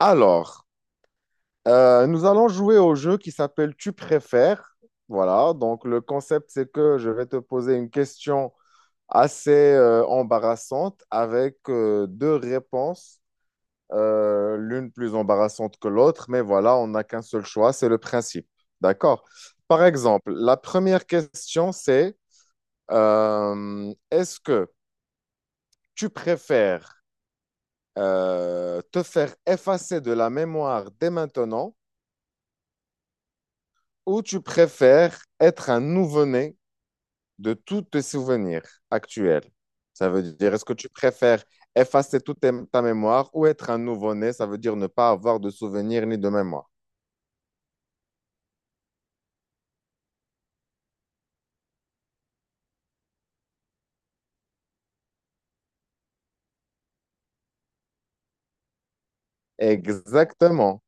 Alors, nous allons jouer au jeu qui s'appelle Tu préfères. Voilà, donc le concept, c'est que je vais te poser une question assez embarrassante avec deux réponses, l'une plus embarrassante que l'autre, mais voilà, on n'a qu'un seul choix, c'est le principe. D'accord? Par exemple, la première question, c'est est-ce que tu préfères te faire effacer de la mémoire dès maintenant? Ou tu préfères être un nouveau-né de tous tes souvenirs actuels? Ça veut dire, est-ce que tu préfères effacer toute ta mémoire ou être un nouveau-né? Ça veut dire ne pas avoir de souvenirs ni de mémoire. Exactement.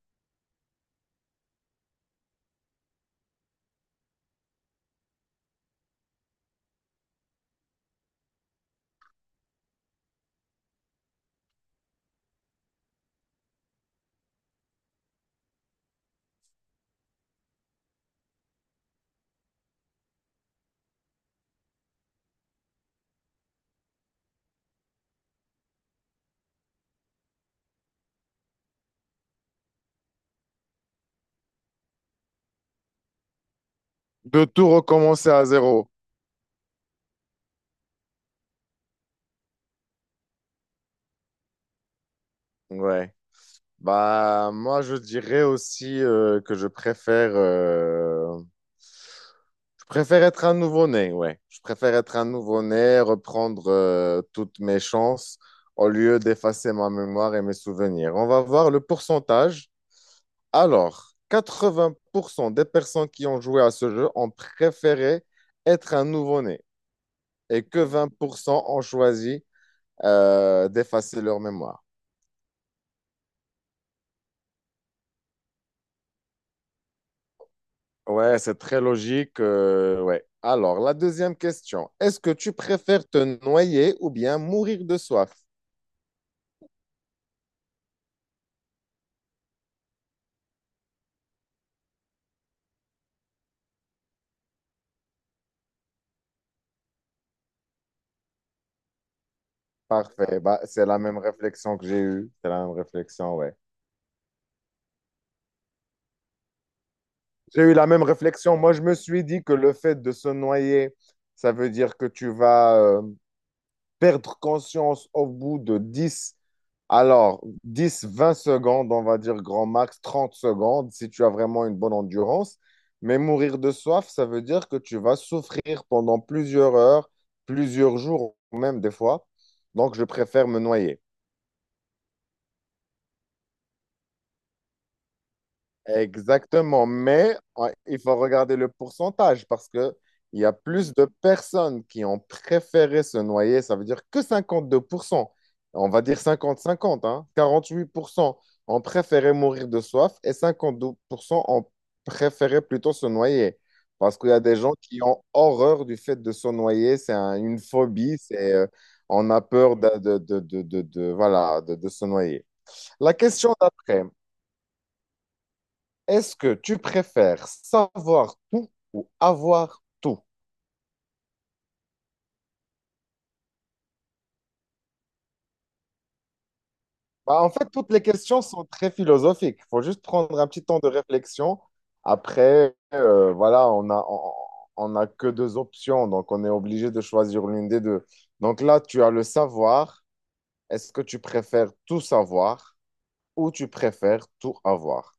De tout recommencer à zéro. Ouais. Bah, moi, je dirais aussi que je préfère être un nouveau-né, ouais. Je préfère être un nouveau-né, reprendre toutes mes chances au lieu d'effacer ma mémoire et mes souvenirs. On va voir le pourcentage. Alors, 80% des personnes qui ont joué à ce jeu ont préféré être un nouveau-né et que 20% ont choisi d'effacer leur mémoire. Ouais, c'est très logique. Ouais. Alors, la deuxième question. Est-ce que tu préfères te noyer ou bien mourir de soif? Parfait. Bah, c'est la même réflexion que j'ai eue. C'est la même réflexion, ouais. J'ai eu la même réflexion. Moi, je me suis dit que le fait de se noyer, ça veut dire que tu vas, perdre conscience au bout de 10, alors 10, 20 secondes, on va dire grand max, 30 secondes, si tu as vraiment une bonne endurance. Mais mourir de soif, ça veut dire que tu vas souffrir pendant plusieurs heures, plusieurs jours, même des fois. Donc, je préfère me noyer. Exactement, mais il faut regarder le pourcentage parce que il y a plus de personnes qui ont préféré se noyer, ça veut dire que 52%, on va dire 50-50, hein, 48% ont préféré mourir de soif et 52% ont préféré plutôt se noyer parce qu'il y a des gens qui ont horreur du fait de se noyer, c'est une phobie, c'est on a peur voilà, de se noyer. La question d'après. Est-ce que tu préfères savoir tout ou avoir tout? Bah, en fait, toutes les questions sont très philosophiques. Il faut juste prendre un petit temps de réflexion. Après, voilà, on a que deux options, donc on est obligé de choisir l'une des deux. Donc là, tu as le savoir. Est-ce que tu préfères tout savoir ou tu préfères tout avoir?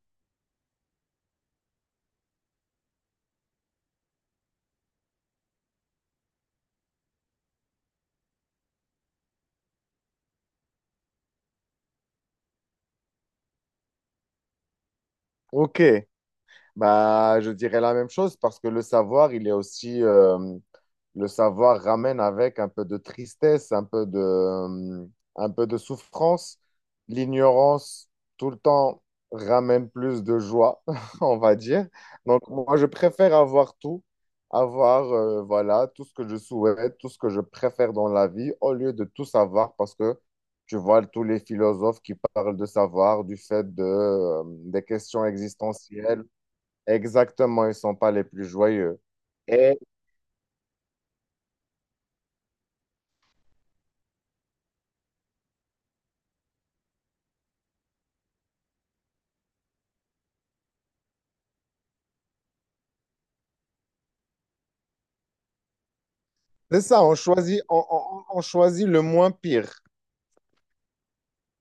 Ok. Bah, je dirais la même chose parce que le savoir, il est aussi, le savoir ramène avec un peu de tristesse, un peu de souffrance. L'ignorance, tout le temps, ramène plus de joie, on va dire. Donc, moi, je préfère avoir tout, avoir, voilà, tout ce que je souhaite, tout ce que je préfère dans la vie, au lieu de tout savoir parce que tu vois tous les philosophes qui parlent de savoir, du fait de, des questions existentielles. Exactement, ils ne sont pas les plus joyeux. Et c'est ça, on choisit, on choisit le moins pire.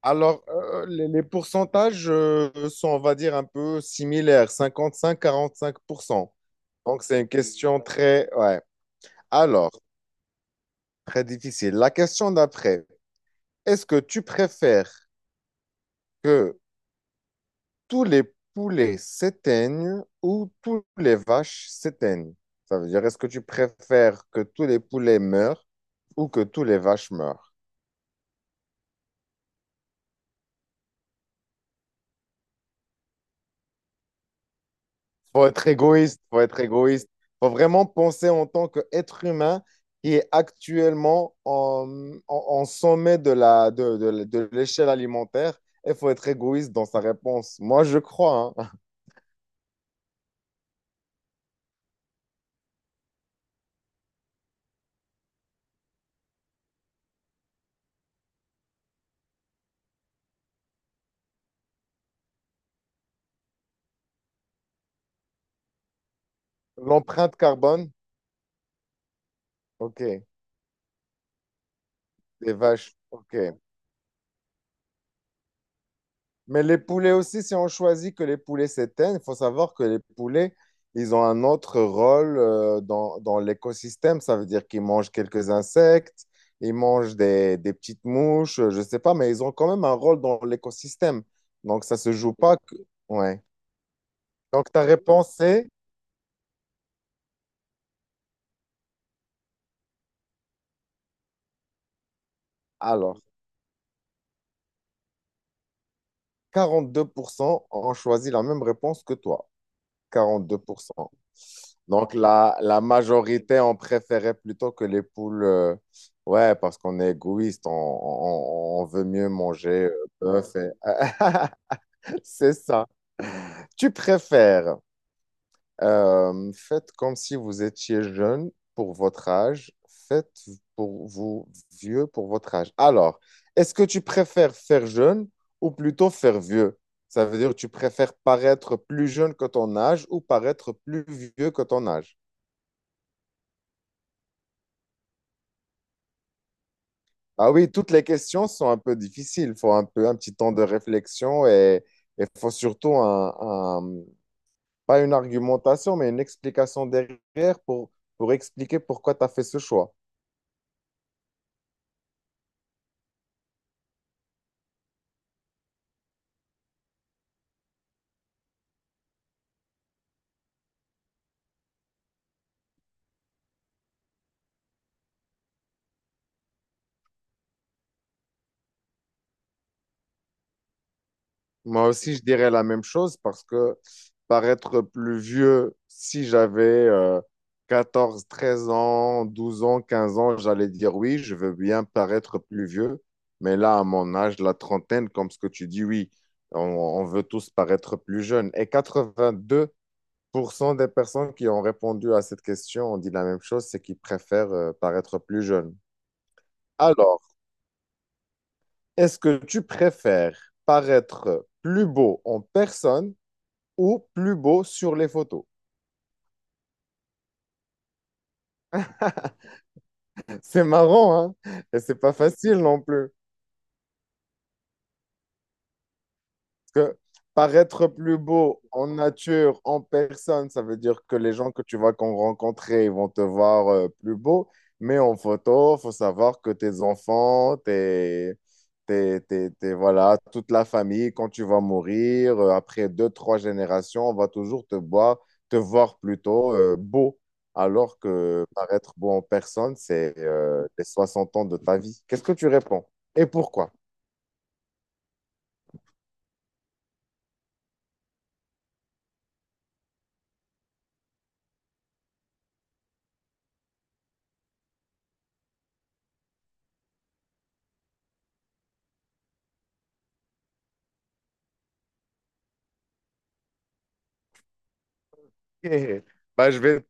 Alors, les pourcentages sont, on va dire, un peu similaires, 55, 40%. Donc, c'est une question très... Ouais. Alors, très difficile. La question d'après, est-ce que tu préfères que tous les poulets s'éteignent ou tous les vaches s'éteignent? Ça veut dire, est-ce que tu préfères que tous les poulets meurent ou que tous les vaches meurent? Faut être égoïste, faut être égoïste. Faut vraiment penser en tant qu'être humain qui est actuellement en sommet de la, de l'échelle alimentaire. Il faut être égoïste dans sa réponse. Moi, je crois, hein. L'empreinte carbone, ok. Les vaches, ok. Mais les poulets aussi, si on choisit que les poulets s'éteignent, il faut savoir que les poulets, ils ont un autre rôle dans, dans l'écosystème. Ça veut dire qu'ils mangent quelques insectes, ils mangent des petites mouches, je ne sais pas, mais ils ont quand même un rôle dans l'écosystème. Donc, ça ne se joue pas. Ouais. Donc, ta réponse est, alors, 42% ont choisi la même réponse que toi. 42%. Donc, la majorité, on préférait plutôt que les poules. Ouais, parce qu'on est égoïste, on veut mieux manger bœuf. Et- C'est ça. Tu préfères, faites comme si vous étiez jeune pour votre âge, faites pour vous vieux pour votre âge. Alors, est-ce que tu préfères faire jeune ou plutôt faire vieux? Ça veut dire que tu préfères paraître plus jeune que ton âge ou paraître plus vieux que ton âge? Ah oui, toutes les questions sont un peu difficiles. Il faut un peu un petit temps de réflexion et il faut surtout un- pas une argumentation, mais une explication derrière pour expliquer pourquoi tu as fait ce choix. Moi aussi, je dirais la même chose parce que paraître plus vieux, si j'avais euh, 14, 13 ans, 12 ans, 15 ans, j'allais dire oui, je veux bien paraître plus vieux. Mais là, à mon âge, la trentaine, comme ce que tu dis, oui, on veut tous paraître plus jeunes. Et 82% des personnes qui ont répondu à cette question ont dit la même chose, c'est qu'ils préfèrent paraître plus jeunes. Alors, est-ce que tu préfères paraître plus beau en personne? Ou plus beau sur les photos. C'est marrant, hein? Et c'est pas facile non plus. Que paraître plus beau en nature, en personne, ça veut dire que les gens que tu vas rencontrer, ils vont te voir plus beau. Mais en photo, faut savoir que tes enfants, voilà, toute la famille, quand tu vas mourir, après deux, trois générations, on va toujours te voir plutôt beau. Alors que paraître beau en personne, c'est les 60 ans de ta vie. Qu'est-ce que tu réponds? Et pourquoi? Bah, je vais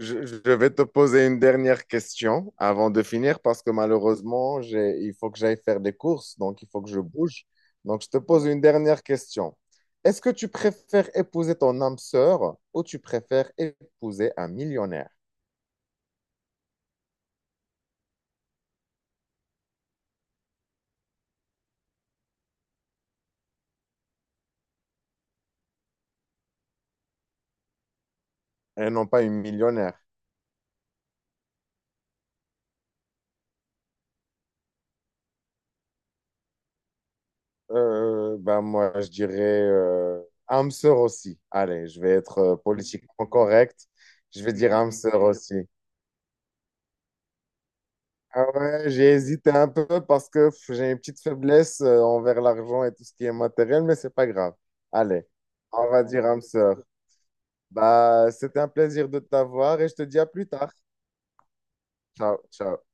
Je vais te poser une dernière question avant de finir parce que malheureusement, il faut que j'aille faire des courses, donc il faut que je bouge. Donc, je te pose une dernière question. Est-ce que tu préfères épouser ton âme sœur ou tu préfères épouser un millionnaire? Et non pas une millionnaire. Ben moi, je dirais âme sœur aussi. Allez, je vais être politiquement correct. Je vais dire âme sœur aussi. Ah ouais, j'ai hésité un peu parce que j'ai une petite faiblesse envers l'argent et tout ce qui est matériel, mais c'est pas grave. Allez, on va dire âme sœur. Bah, c'était un plaisir de t'avoir et je te dis à plus tard. Ciao, ciao.